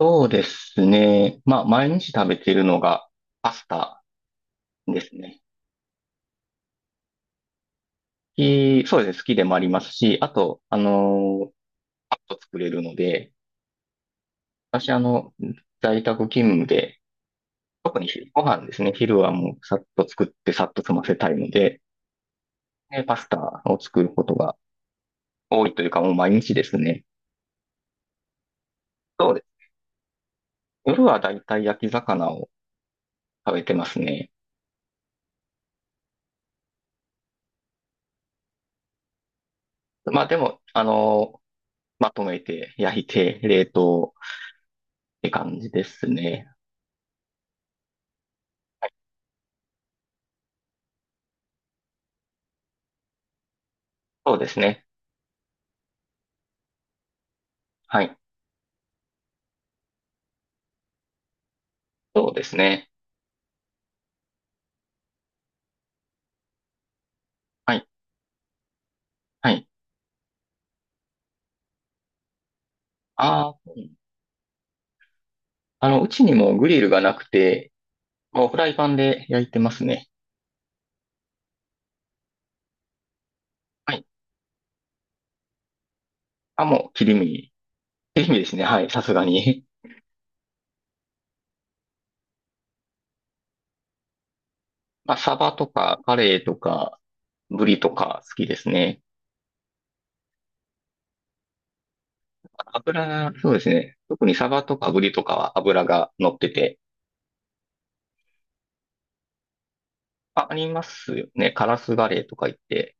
そうですね。まあ、毎日食べているのがパスタですね。好きそうですね。好きでもありますし、あと、パッと作れるので、私、在宅勤務で、特に昼ご飯ですね。昼はもうさっと作ってさっと済ませたいので、でパスタを作ることが多いというか、もう毎日ですね。そうです。夜はだいたい焼き魚を食べてますね。まあ、でも、まとめて、焼いて、冷凍って感じですね。そうですね。はい。そうですね。はい。はい。あー、うん。うちにもグリルがなくて、もうフライパンで焼いてますね。はい。あ、もう切り身。切り身ですね。はい。さすがに。まあ、サバとか、カレイとか、ブリとか好きですね。油が、そうですね。特にサバとかブリとかは油が乗ってて。あ、ありますよね。カラスガレイとか言って。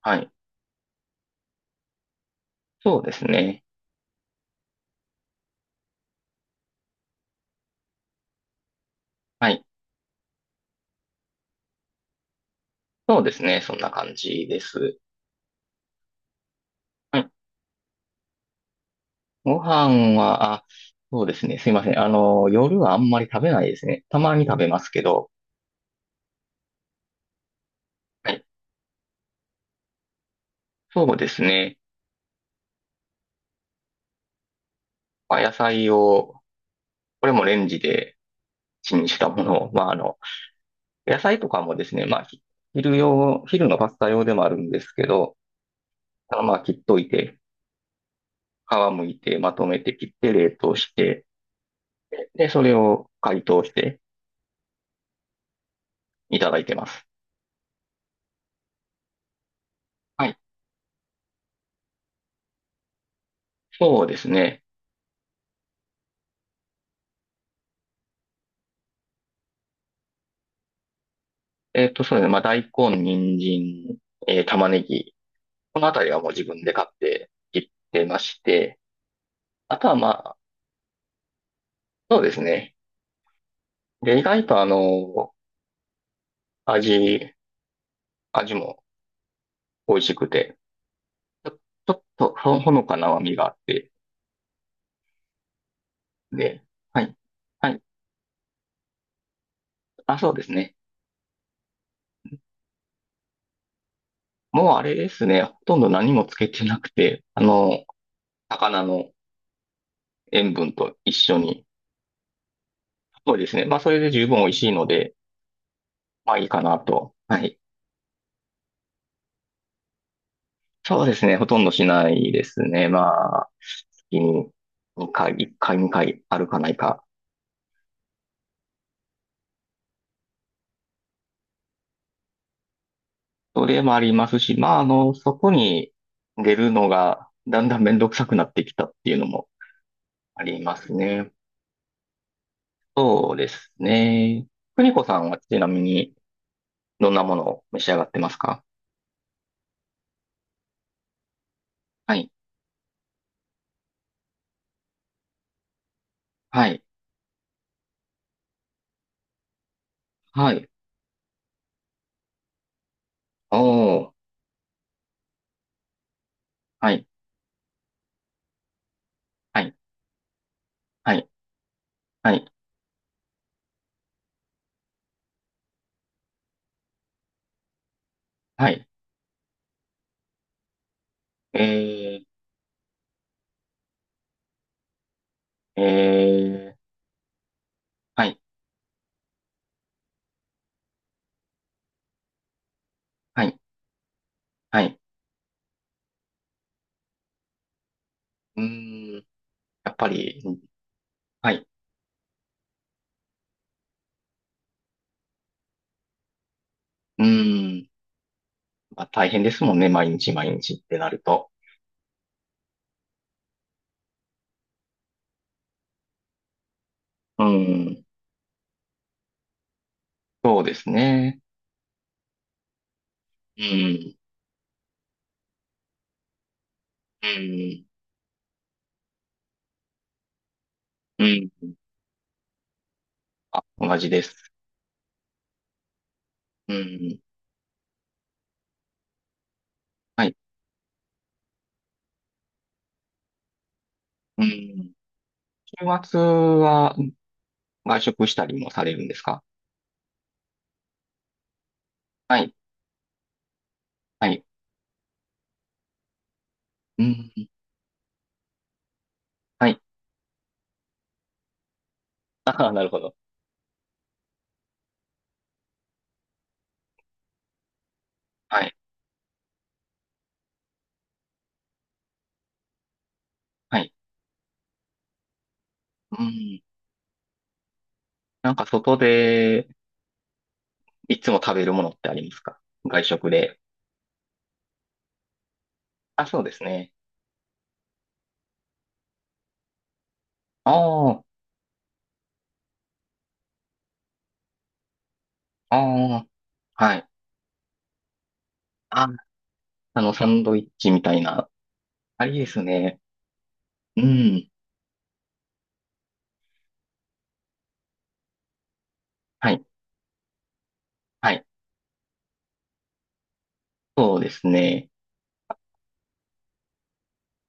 はい。そうですね。はい。そうですね。そんな感じです。はい。ご飯は、あ、そうですね。すいません。夜はあんまり食べないですね。たまに食べますけど。はい。そうですね。まあ、野菜を、これもレンジでチンしたものを、まあ、野菜とかもですね、まあ、昼用、昼のパスタ用でもあるんですけど、まあ、切っといて、皮むいて、まとめて切って冷凍して、で、それを解凍していただいてます。はい。そうですね。そうですね。まあ、大根、人参、玉ねぎ、このあたりはもう自分で買っていってまして、あとはまあ、そうですね。で、意外と味、味も美味しくて、ちょ、ちょっとほほのかな甘みがあって、で、はい、はい。あ、そうですね。もうあれですね。ほとんど何もつけてなくて、魚の塩分と一緒に、そうですね。まあ、それで十分美味しいので、まあいいかなと。はい。そうですね。ほとんどしないですね。まあ、月に2回、1回、2回あるかないか。それもありますし、まあ、そこに出るのがだんだんめんどくさくなってきたっていうのもありますね。そうですね。邦子さんはちなみにどんなものを召し上がってますか？はい、はい、はい。おー、はい、はい、はい、はい、はい。えー、えー、はい、はい、はい。うーん、やっぱり、はい。うーん。まあ、大変ですもんね。毎日毎日ってなると。うーん。そうですね。うん。うん。うん。あ、同じです。うん。はい。うん。週末は外食したりもされるんですか？はい。はい。うん。はい。ああ、なるほど。はい。はい。うん。なんか外でいつも食べるものってありますか？外食で。あ、そうですね。ああ、ああ。はい。あ、サンドイッチみたいな。ありですね。うん。はい。はい。そうですね。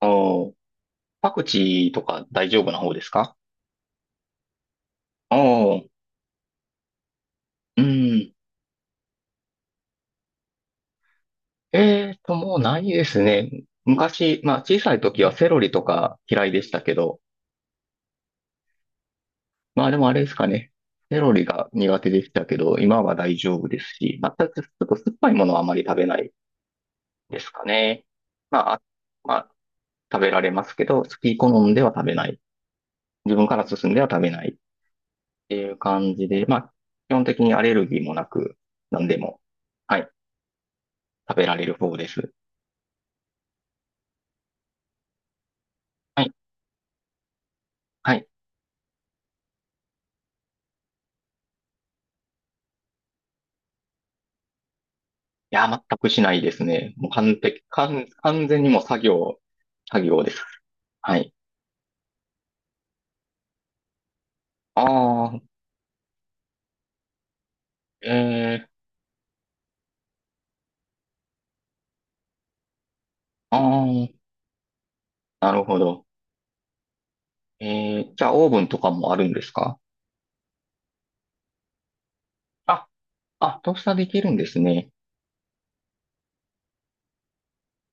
おー、パクチーとか大丈夫な方ですか？おー、うん。もうないですね。昔、まあ小さい時はセロリとか嫌いでしたけど、まあ、でも、あれですかね。セロリが苦手でしたけど、今は大丈夫ですし、またちょっと酸っぱいものはあまり食べないですかね。まあ、あまあ、食べられますけど、好き好んでは食べない。自分から進んでは食べない。っていう感じで、まあ、基本的にアレルギーもなく、何でも、はい、食べられる方です。はい、はい。いや、全くしないですね。もう完璧、完、完全にもう作業です。はい。ああ、えー、ああ、なるほど。えー、じゃあ、オーブンとかもあるんですか？あ、あ、トースターできるんですね。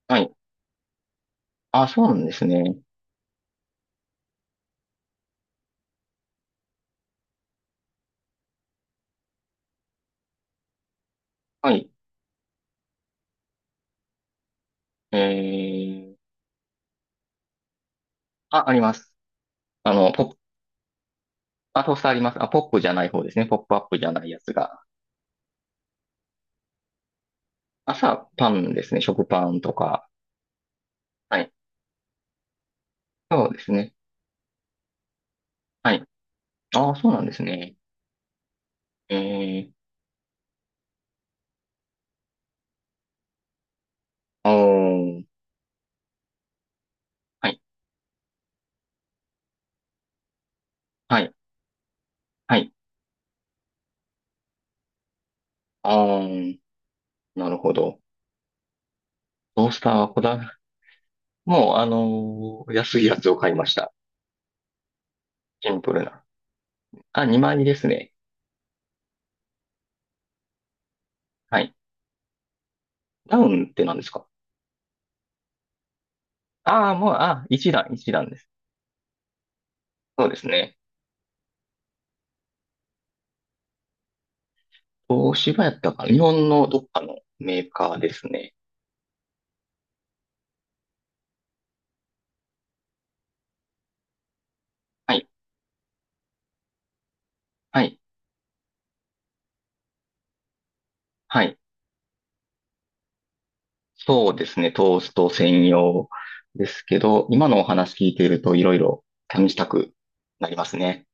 はい。あ、そうなんですね。はい。えー、あ、あります。あの、ポップ、あ、トースターあります。あ、ポップじゃない方ですね。ポップアップじゃないやつが。朝、パンですね。食パンとか。はい。そうですね。はい。ああ、そうなんですね。えー、おー、はい、はい、はい。あー、なるほど。トースターはこだわ、もう、安いやつを買いました。シンプルな。あ、万円ですね。はい。ダウンって何ですか？ああー、もう、あ、一段です。そうですね。東芝やったかな。日本のどっかのメーカーですね。はい、はい、はい。そうですね、トースト専用ですけど、今のお話聞いているといろいろ試したくなりますね。